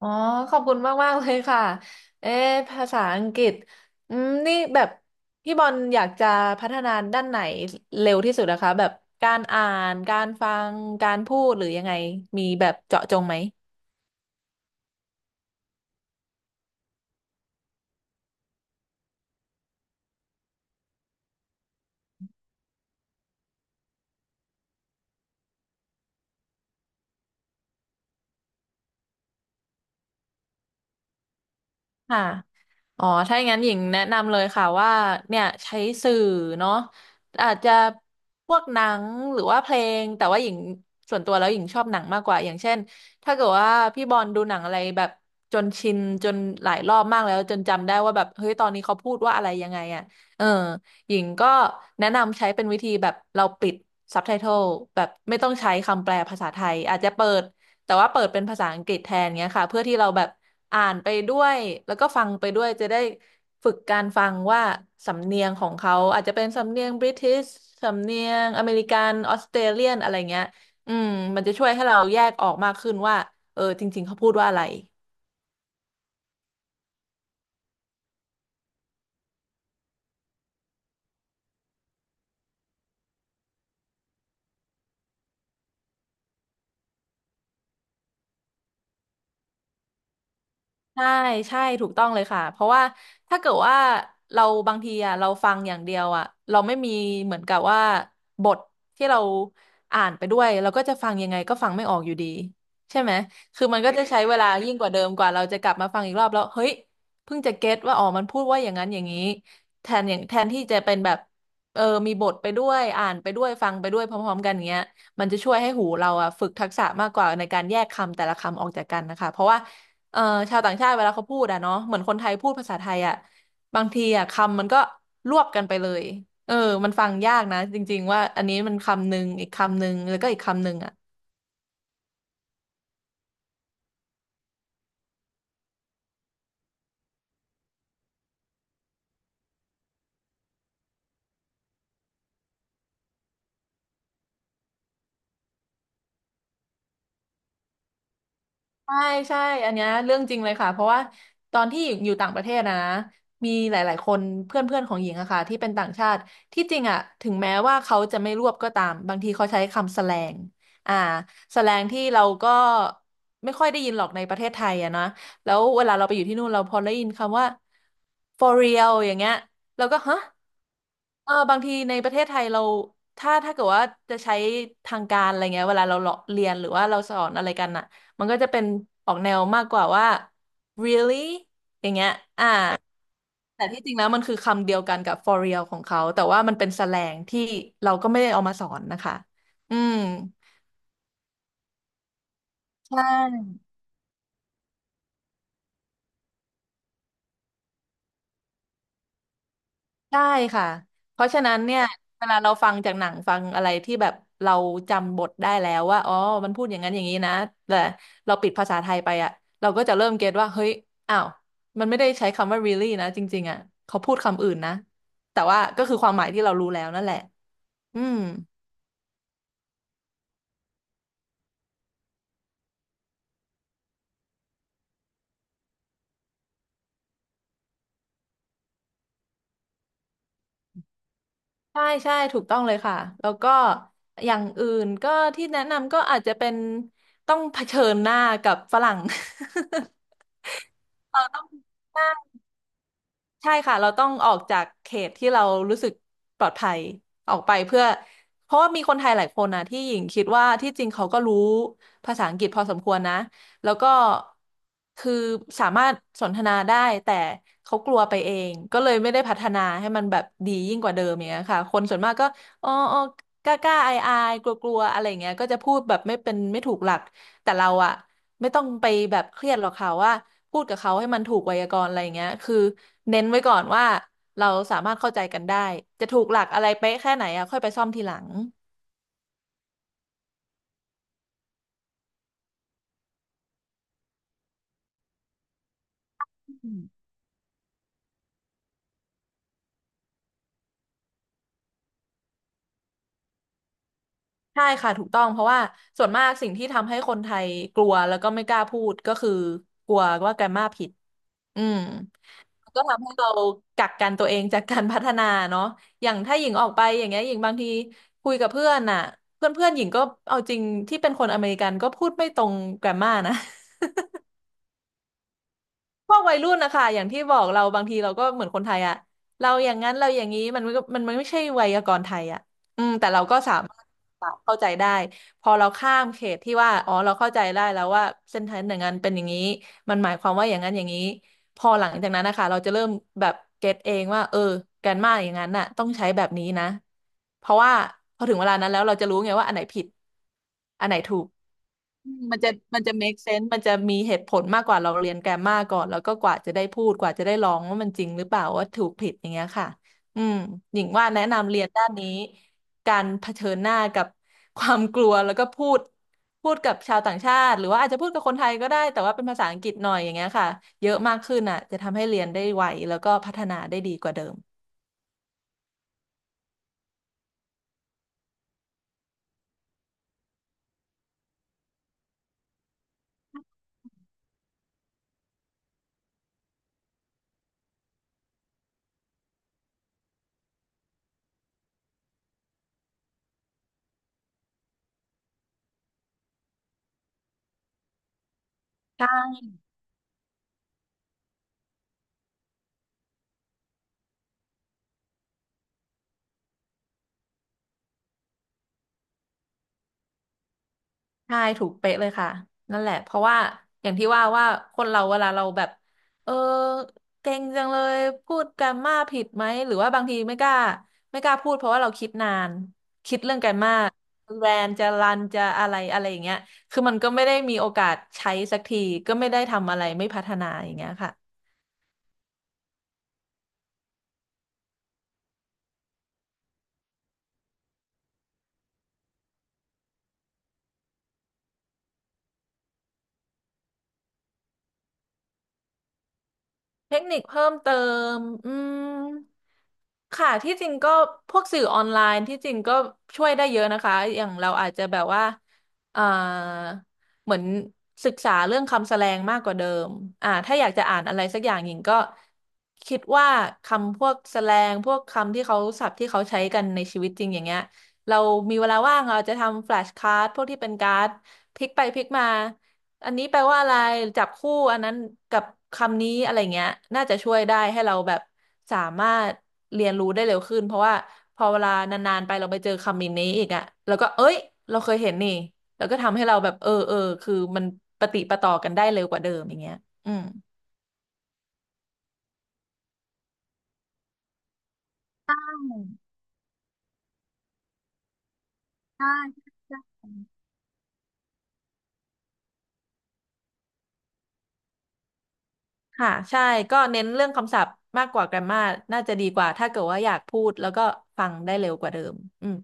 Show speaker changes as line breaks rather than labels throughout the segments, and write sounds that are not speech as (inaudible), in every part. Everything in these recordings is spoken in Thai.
อ๋อขอบคุณมากมากเลยค่ะเอ๊ะภาษาอังกฤษนี่แบบพี่บอลอยากจะพัฒนาด้านไหนเร็วที่สุดนะคะแบบการอ่านการฟังการพูดหรือยังไงมีแบบเจาะจงไหมค่ะ อ๋อ ถ้าอย่างนั้นหญิงแนะนำเลยค่ะว่าเนี่ยใช้สื่อเนาะอาจจะพวกหนังหรือว่าเพลงแต่ว่าหญิงส่วนตัวแล้วหญิงชอบหนังมากกว่าอย่างเช่นถ้าเกิดว่าพี่บอลดูหนังอะไรแบบจนชินจนหลายรอบมากแล้วจนจำได้ว่าแบบเฮ้ยตอนนี้เขาพูดว่าอะไรยังไงอ่ะเออหญิงก็แนะนำใช้เป็นวิธีแบบเราปิดซับไตเติลแบบไม่ต้องใช้คำแปลภาษาไทยอาจจะเปิดแต่ว่าเปิดเป็นภาษาอังกฤษแทนเงี้ยค่ะเพื่อที่เราแบบ อ่านไปด้วยแล้วก็ฟังไปด้วยจะได้ฝึกการฟังว่าสำเนียงของเขาอาจจะเป็นสำเนียงบริติชสำเนียงอเมริกันออสเตรเลียนอะไรเงี้ยอืมมันจะช่วยให้เราแยกออกมากขึ้นว่าเออจริงๆเขาพูดว่าอะไร ใช่ใช่ถูกต้องเลยค่ะเพราะว่าถ้าเกิดว่าเราบางทีอ่ะเราฟังอย่างเดียวอ่ะเราไม่มีเหมือนกับว่าบทที่เราอ่านไปด้วยเราก็จะฟังยังไงก็ฟังไม่ออกอยู่ดีใช่ไหมคือมันก็จะใช้เวลายิ่งกว่าเดิมกว่าเราจะกลับมาฟังอีกรอบแล้วเฮ้ยเพิ่งจะเก็ตว่าอ๋อมันพูดว่าอย่างนั้นอย่างนี้แทนอย่างแทนที่จะเป็นแบบเออมีบทไปด้วยอ่านไปด้วยฟังไปด้วยพร้อมๆกันอย่างเงี้ยมันจะช่วยให้หูเราอะฝึกทักษะมากกว่าในการแยกคำแต่ละคำออกจากกันนะคะเพราะว่า เอ่อชาวต่างชาติเวลาเขาพูดอะเนาะเหมือนคนไทยพูดภาษาไทยอะบางทีอะคำมันก็รวบกันไปเลยเออมันฟังยากนะจริงๆว่าอันนี้มันคำหนึ่งอีกคำหนึ่งแล้วก็อีกคำหนึ่งอะ ใช่ใช่อันเนี้ยเรื่องจริงเลยค่ะเพราะว่าตอนที่อยู่ต่างประเทศนะมีหลายๆคนเพื่อนเพื่อนของหญิงอะค่ะที่เป็นต่างชาติที่จริงอะถึงแม้ว่าเขาจะไม่รวบก็ตามบางทีเขาใช้คำแสแลงอ่าแสแลงที่เราก็ไม่ค่อยได้ยินหรอกในประเทศไทยอะนะแล้วเวลาเราไปอยู่ที่นู่นเราพอได้ยินคำว่า for real อย่างเงี้ยเราก็ฮะเออบางทีในประเทศไทยเราถ้าเกิดว่าจะใช้ทางการอะไรเงี้ยเวลาเราเลาะเรียนหรือว่าเราสอนอะไรกันน่ะ มันก็จะเป็นออกแนวมากกว่าว่า really อย่างเงี้ยอ่าแต่ที่จริงแล้วมันคือคำเดียวกันกับ for real ของเขาแต่ว่ามันเป็นแสแลงที่เราก็ไม่ได้เอามาสอนนะคะอืมใช่ ใช่ค่ะ เพราะฉะนั้นเนี่ยเวลาเราฟังจากหนังฟังอะไรที่แบบเราจำบทได้แล้วว่าอ๋อมันพูดอย่างนั้นอย่างนี้นะแต่เราปิดภาษาไทยไปอะเราก็จะเริ่มเก็ตว่าเฮ้ยอ้าวมันไม่ได้ใช้คำว่า really นะจริงๆอะเขาพูดคำอื่นนะแต่ว่าก็คือความหมายที่เรารู้แล้วนั่นแหละ อืมใช่ใช่ถูกต้องเลยค่ะแล้วก็อย่างอื่นก็ที่แนะนำก็อาจจะเป็นต้องเผชิญหน้ากับฝรั่ง (laughs) เราต้องหน้า ใช่ค่ะเราต้องออกจากเขตที่เรารู้สึกปลอดภัยออกไปเพื่อเพราะว่ามีคนไทยหลายคนนะที่หญิงคิดว่าที่จริงเขาก็รู้ภาษาอังกฤษพอสมควรนะแล้วก็คือสามารถสนทนาได้แต่เขากลัวไปเองก็เลยไม่ได้พัฒนาให้มันแบบดียิ่งกว่าเดิมอย่างเงี้ยค่ะคนส่วนมากก็อ๋ออ๋อกล้ากล้าอายอายกลัวกลัวๆอะไรอย่างเงี้ยก็จะพูดแบบไม่เป็นไม่ถูกหลักแต่เราอะไม่ต้องไปแบบเครียดหรอกค่ะว่าพูดกับเขาให้มันถูกไวยากรณ์อะไรอย่างเงี้ยคือ เน้นไว้ก่อนว่าเราสามารถเข้าใจกันได้จะถูกหลักอะไรเป๊ะแค่ไหนอ่ะค่อยไปซ่อมทีหลังอืมใช่ค่ะถูกต้องเพราะว่าส่วนมากสิ่งที่ทำให้คนไทยกลัวแล้วก็ไม่กล้าพูดก็คือกลัวว่าแกรมมาผิดอืมก็ทำให้เรากักกันตัวเองจากการพัฒนาเนาะอย่างถ้าหญิงออกไปอย่างเงี้ยหญิงบางทีคุยกับเพื่อนน่ะเพื่อนเพื่อนหญิงก็เอาจริงที่เป็นคนอเมริกันก็พูดไม่ตรงแกรมมานะ พวกวัยรุ่นนะคะอย่างที่บอกเราบางทีเราก็เหมือนคนไทยอะเราอย่างนั้นเราอย่างนี้มันก็มันไม่ใช่ไวยากรณ์ไทยอะอืมแต่เราก็สามารถเข้าใจได้พอเราข้ามเขตที่ว่าอ๋อเราเข้าใจได้แล้วว่าเส้นทางอย่างนั้นเป็นอย่างนี้มันหมายความว่าอย่างนั้นอย่างนี้พอหลังจากนั้นนะคะเราจะเริ่มแบบเก็ตเองว่าเออแกรนมาอย่างนั้นน่ะต้องใช้แบบนี้นะเพราะว่าพอถึงเวลานั้นแล้วเราจะรู้ไงว่าอันไหนผิดอันไหนถูก มันจะมันจะ make sense มันจะมีเหตุผลมากกว่าเราเรียนแกรมมาก่อนแล้วก็กว่าจะได้พูดกว่าจะได้ลองว่ามันจริงหรือเปล่าว่าถูกผิดอย่างเงี้ยค่ะอืมหญิงว่าแนะนำเรียนด้านนี้การเผชิญหน้ากับความกลัวแล้วก็พูดพูดกับชาวต่างชาติหรือว่าอาจจะพูดกับคนไทยก็ได้แต่ว่าเป็นภาษาอังกฤษหน่อยอย่างเงี้ยค่ะเยอะมากขึ้นอ่ะจะทำให้เรียนได้ไวแล้วก็พัฒนาได้ดีกว่าเดิม ใช่ถูกเป๊ะเลยค่ะนั่นแหละเพราะว่าอย่างที่ว่าว่าคนเราเวลาเราแบบเออเก่งจังเลยพูดแกรมมาผิดไหมหรือว่าบางทีไม่กล้าพูดเพราะว่าเราคิดนานคิดเรื่องแกรมมาแรนจะรันจะอะไรอะไรอย่างเงี้ยคือมันก็ไม่ได้มีโอกาสใช้สักทีก็ไม่ได้ทำอะไรไม่พัฒนาอย่างเงี้ยค่ะ เทคนิคเพิ่มเติมอืมค่ะที่จริงก็พวกสื่อออนไลน์ที่จริงก็ช่วยได้เยอะนะคะ อย่างเราอาจจะแบบว่าเอ่อเหมือนศึกษาเรื่องคำแสลงมากกว่าเดิมอ่าถ้าอยากจะอ่านอะไรสักอย่างหญิงก็คิดว่าคำพวกแสลงพวกคำที่เขาศัพท์ที่เขาใช้กันในชีวิตจริงอย่างเงี้ยเรามีเวลาว่างเราอาจจะทำแฟลชการ์ดพวกที่เป็นการ์ดพลิกไปพลิกมา อันนี้แปลว่าอะไรจับคู่อันนั้นกับคำนี้อะไรเงี้ยน่าจะช่วยได้ให้เราแบบสามารถเรียนรู้ได้เร็วขึ้นเพราะว่าพอเวลานานๆไปเราไปเจอคำนี้อีกอะแล้วก็เอ้ยเราเคยเห็นนี่แล้วก็ทำให้เราแบบเออเออคือมันปะติดปะต่อกันได้เร็วกว่าเดิมอย่างเงี้ยอืมใช่ใช่ค่ะใช่ก็เน้นเรื่องคำศัพท์มากกว่าแกรมมาน่าจะดีกว่าถ้าเกิดว่าอยากพูดแล้วก็ฟังได้เร็วกว่าเดิมอืม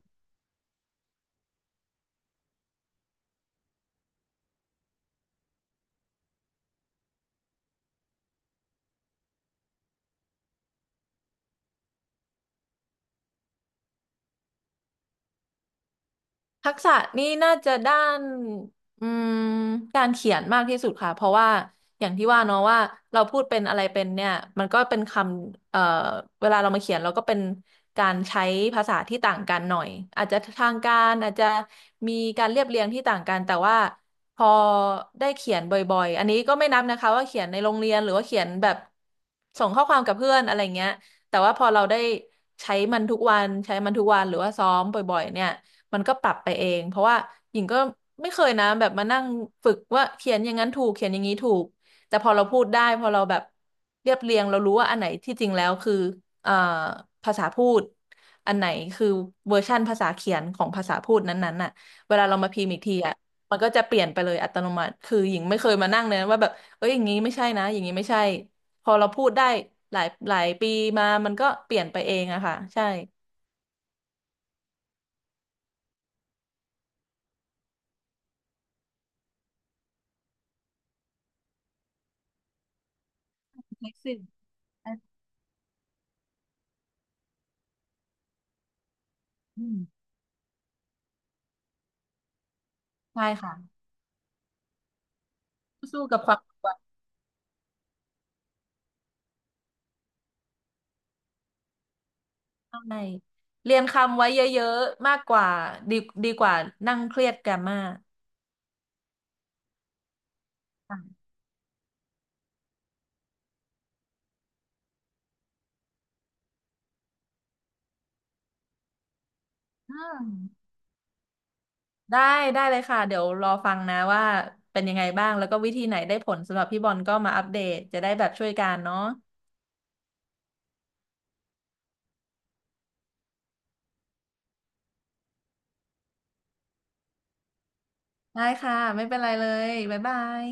ทักษะนี่น่าจะด้านอืมการเขียนมากที่สุดค่ะเพราะว่าอย่างที่ว่าเนาะว่าเราพูดเป็นอะไรเป็นเนี่ยมันก็เป็นคำเวลาเรามาเขียนเราก็เป็นการใช้ภาษาที่ต่างกันหน่อยอาจจะทางการอาจจะมีการเรียบเรียงที่ต่างกันแต่ว่าพอได้เขียนบ่อยๆอันนี้ก็ไม่นับนะคะว่าเขียนในโรงเรียนหรือว่าเขียนแบบส่งข้อความกับเพื่อนอะไรเงี้ยแต่ว่าพอเราได้ใช้มันทุกวันหรือว่าซ้อมบ่อยๆเนี่ย มันก็ปรับไปเองเพราะว่าหญิงก็ไม่เคยนะแบบมานั่งฝึกว่าเขียนอย่างนั้นถูกเขียนอย่างนี้ถูกแต่พอเราพูดได้พอเราแบบเรียบเรียงเรารู้ว่าอันไหนที่จริงแล้วคือเอ่อภาษาพูดอันไหนคือเวอร์ชั่นภาษาเขียนของภาษาพูดนั้นๆน่ะเวลาเรามาพิมพ์อีกทีอ่ะมันก็จะเปลี่ยนไปเลยอัตโนมัติคือหญิงไม่เคยมานั่งเลยนะว่าแบบเอ้ยอย่างนี้ไม่ใช่นะอย่างนี้ไม่ใช่พอเราพูดได้หลายหลายปีมามันก็เปลี่ยนไปเองอะค่ะใช่ Flexing อืมใช่ค่ะ สู้กับความกดดันใช่เรียนคำไว้เยอะๆ มากกว่าดีดีกว่านั่งเครียดแกรมมาค่ะอืมได้ได้เลยค่ะเดี๋ยวรอฟังนะว่าเป็นยังไงบ้างแล้วก็วิธีไหนได้ผลสำหรับพี่บอลก็มาอัปเดตจะได้แบบช่วยกันเนาะได้ค่ะไม่เป็นไรเลยบ๊ายบาย